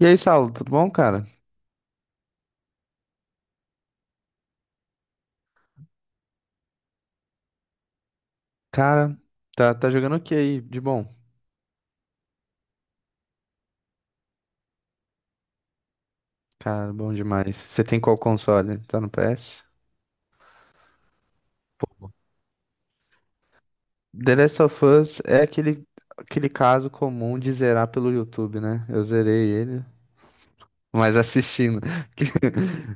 E aí, Saulo, tudo bom, cara? Cara, tá jogando o que aí de bom? Cara, bom demais. Você tem qual console? Tá no PS? The Last of Us é aquele caso comum de zerar pelo YouTube, né? Eu zerei ele, mas assistindo.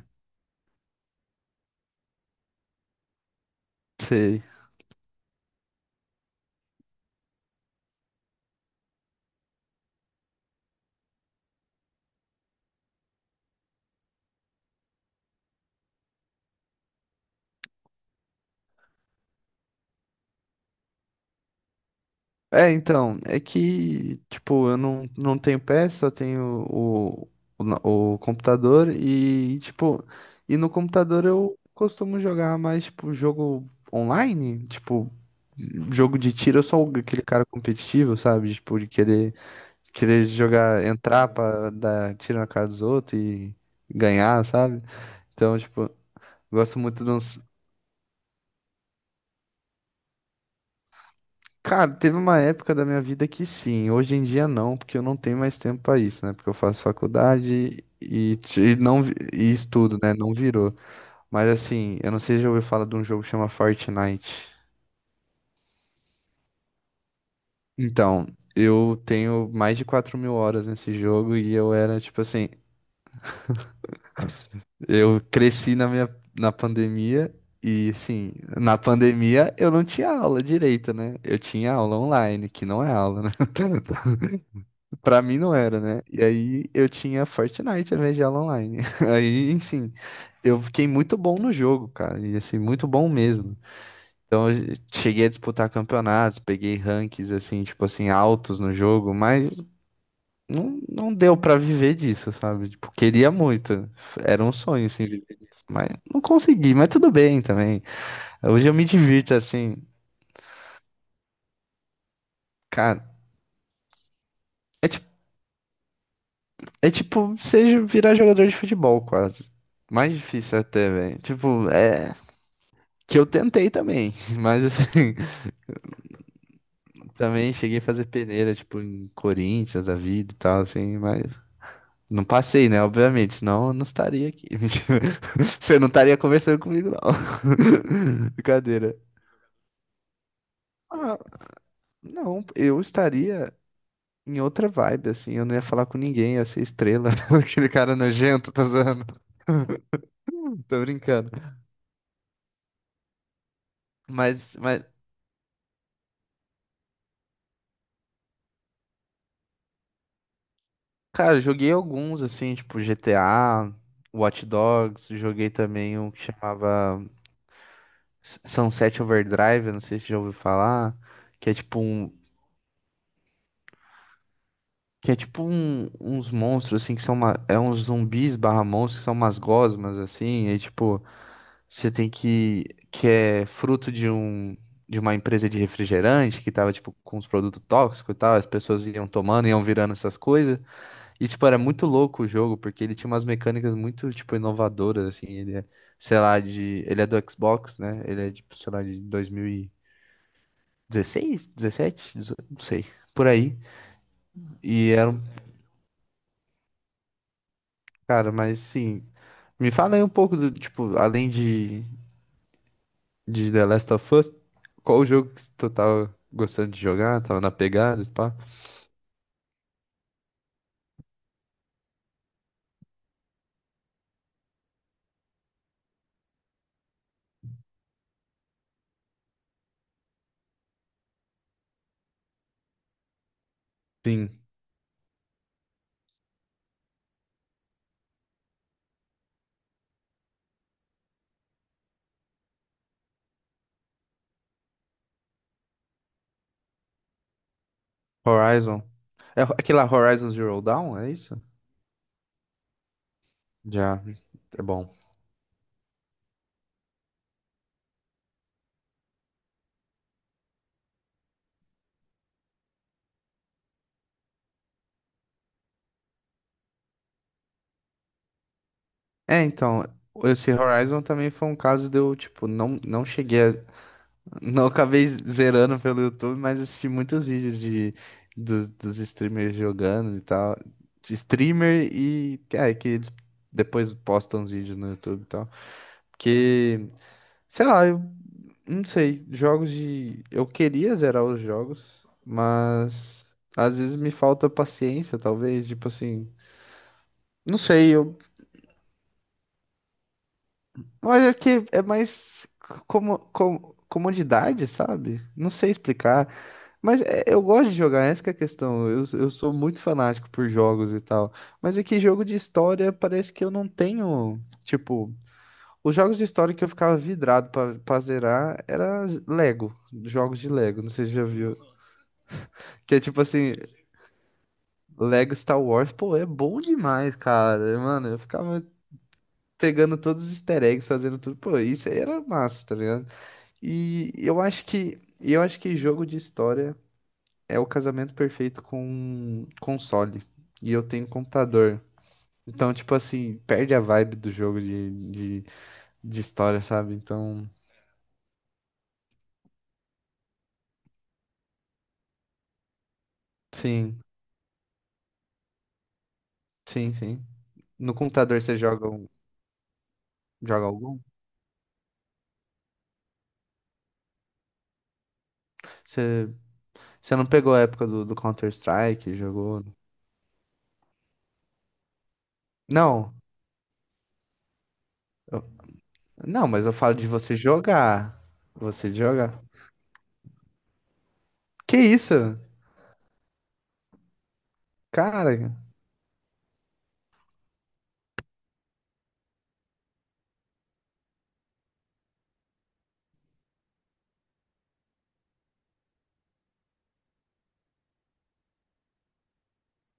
Sei. É, então, é que, tipo, eu não tenho PS, só tenho o computador e, tipo, e no computador eu costumo jogar mais, tipo, jogo online, tipo, jogo de tiro, eu sou aquele cara competitivo, sabe? Tipo, de querer jogar, entrar pra dar tiro na cara dos outros e ganhar, sabe? Então, tipo, gosto muito de uns. Cara, teve uma época da minha vida que sim, hoje em dia não, porque eu não tenho mais tempo pra isso, né? Porque eu faço faculdade e estudo, né? Não virou. Mas assim, eu não sei se já ouviu falar de um jogo que chama Fortnite. Então, eu tenho mais de 4 mil horas nesse jogo e eu era tipo assim, eu cresci na pandemia e assim, na pandemia eu não tinha aula direita, né? Eu tinha aula online, que não é aula, né? Pra mim não era, né? E aí eu tinha Fortnite, a vez de aula online. Aí, enfim, eu fiquei muito bom no jogo, cara. E assim, muito bom mesmo. Então eu cheguei a disputar campeonatos, peguei rankings, assim, tipo assim, altos no jogo, mas não deu pra viver disso, sabe? Tipo, queria muito. Era um sonho, assim, viver disso. Mas não consegui, mas tudo bem também. Hoje eu me divirto, assim, cara. É tipo, é tipo você virar jogador de futebol, quase. Mais difícil até, velho. Tipo, é. Que eu tentei também, mas assim, também cheguei a fazer peneira, tipo, em Corinthians, da vida e tal, assim, mas não passei, né? Obviamente, senão eu não estaria aqui. Mentira. Você não estaria conversando comigo, não. Brincadeira. Ah, não, eu estaria em outra vibe, assim, eu não ia falar com ninguém, ia ser estrela, aquele cara nojento, tá zoando. Tô brincando. Mas, cara, eu joguei alguns, assim, tipo GTA, Watch Dogs, joguei também um que chamava Sunset Overdrive, eu não sei se já ouviu falar, que é tipo um, que é tipo um- uns monstros assim que são uma, é uns zumbis barra monstros que são umas gosmas assim, e tipo, você tem que é fruto de uma empresa de refrigerante que tava tipo com uns produtos tóxicos e tal, as pessoas iam tomando, iam virando essas coisas. E tipo, era muito louco o jogo porque ele tinha umas mecânicas muito tipo inovadoras assim, ele é, sei lá, de ele é do Xbox, né? Ele é tipo, sei lá, de 2000 16 17 18, não sei, por aí. E era um. Cara, mas sim, me fala aí um pouco do, tipo, além de The Last of Us, qual o jogo que tu tava gostando de jogar, tava na pegada, e pá? Sim, Horizon. É aquele lá, Horizon Zero Dawn, é isso? Já, é bom. É, então, esse Horizon também foi um caso de eu, tipo, não cheguei a. Não acabei zerando pelo YouTube, mas assisti muitos vídeos dos streamers jogando e tal. De streamer e é, que eles depois postam os vídeos no YouTube e tal. Porque, sei lá, eu não sei, jogos de. Eu queria zerar os jogos, mas às vezes me falta paciência, talvez. Tipo assim, não sei, eu. Mas é que é mais comodidade, sabe? Não sei explicar. Eu gosto de jogar, essa que é a questão. Eu sou muito fanático por jogos e tal. Mas é que jogo de história parece que eu não tenho. Tipo, os jogos de história que eu ficava vidrado pra zerar era Lego, jogos de Lego, não sei se você já viu. Que é tipo assim, Lego Star Wars, pô, é bom demais, cara. Mano, eu ficava pegando todos os easter eggs, fazendo tudo. Pô, isso aí era massa, tá ligado? E eu acho que jogo de história é o casamento perfeito com console. E eu tenho computador. Então, tipo assim, perde a vibe do jogo de história, sabe? Então, sim, sim, sim. No computador você joga algum? Você, você não pegou a época do Counter-Strike, jogou? Não, eu- não, mas eu falo de você jogar. Você jogar. Que isso? Cara,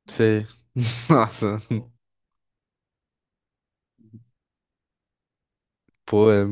você. Nossa, pô, é.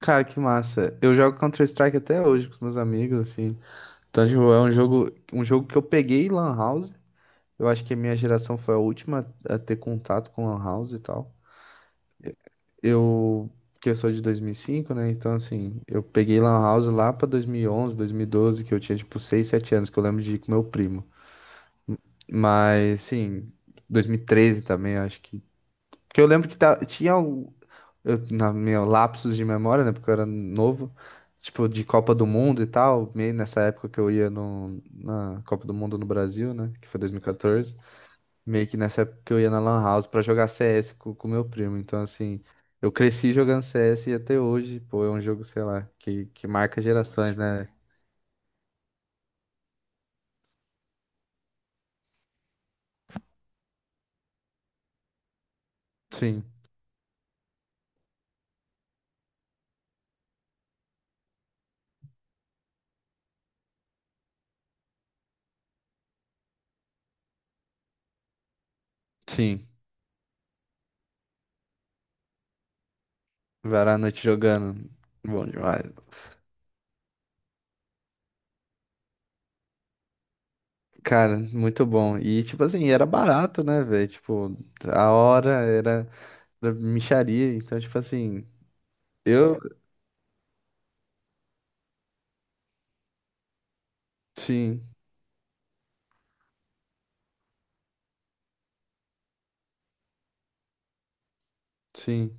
Cara, que massa. Eu jogo Counter-Strike até hoje com os meus amigos, assim. Então, tipo, é um jogo que eu peguei em Lan House. Eu acho que a minha geração foi a última a ter contato com Lan House e tal. Eu, que eu sou de 2005, né? Então, assim, eu peguei Lan House lá pra 2011, 2012, que eu tinha, tipo, 6, 7 anos, que eu lembro de ir com meu primo. Mas, sim, 2013 também, acho que. Porque eu lembro que ta- tinha al- eu, na meu lapsos de memória, né? Porque eu era novo, tipo, de Copa do Mundo e tal, meio nessa época que eu ia no, na Copa do Mundo no Brasil, né? Que foi 2014. Meio que nessa época que eu ia na Lan House pra jogar CS com meu primo. Então, assim, eu cresci jogando CS e até hoje, pô, é um jogo, sei lá, que marca gerações, né? Sim, sim. Varar a noite jogando. Bom demais. Cara, muito bom. E, tipo assim, era barato, né, velho? Tipo, a hora era. Era mixaria, então, tipo assim, eu, sim, sim,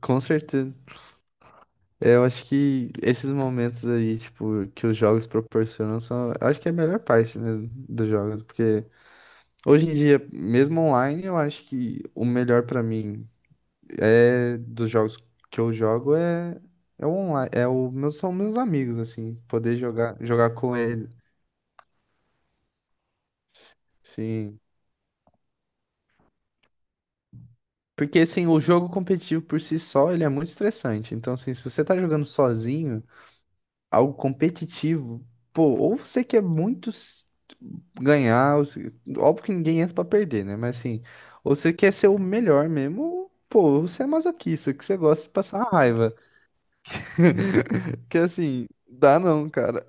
com certeza. É, eu acho que esses momentos aí, tipo, que os jogos proporcionam são, eu acho que é a melhor parte, né, dos jogos, porque hoje em dia, mesmo online, eu acho que o melhor pra mim é dos jogos que eu jogo é o online, é o meus são meus amigos assim, poder jogar com ele. Sim. Porque assim, o jogo competitivo por si só, ele é muito estressante. Então, assim, se você tá jogando sozinho, algo competitivo, pô, ou você quer muito ganhar, ou se- óbvio que ninguém entra pra perder, né? Mas assim, ou você quer ser o melhor mesmo, ou, pô, você é masoquista, que você gosta de passar raiva. Que assim, dá não, cara.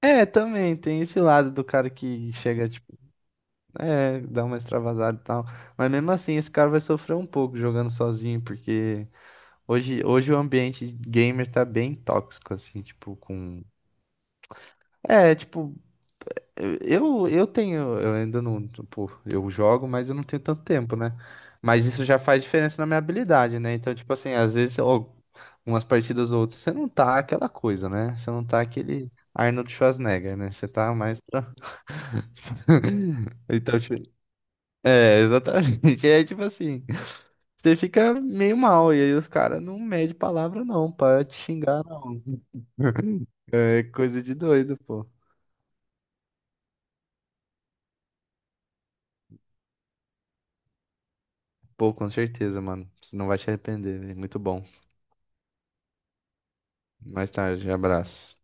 É, também tem esse lado do cara que chega, tipo, é, dá uma extravasada e tal. Mas mesmo assim, esse cara vai sofrer um pouco jogando sozinho, porque hoje o ambiente gamer tá bem tóxico, assim, tipo, com. É, tipo, Eu tenho, eu ainda não, tipo, eu jogo, mas eu não tenho tanto tempo, né? Mas isso já faz diferença na minha habilidade, né? Então, tipo assim, às vezes, ó, umas partidas ou outras, você não tá aquela coisa, né? Você não tá aquele Arnold Schwarzenegger, né? Você tá mais pra. Então, tipo, é, exatamente. É tipo assim, você fica meio mal, e aí os caras não medem palavra, não, pra te xingar, não. É coisa de doido, pô. Pô, com certeza, mano. Você não vai se arrepender, velho. Muito bom. Mais tarde, abraço.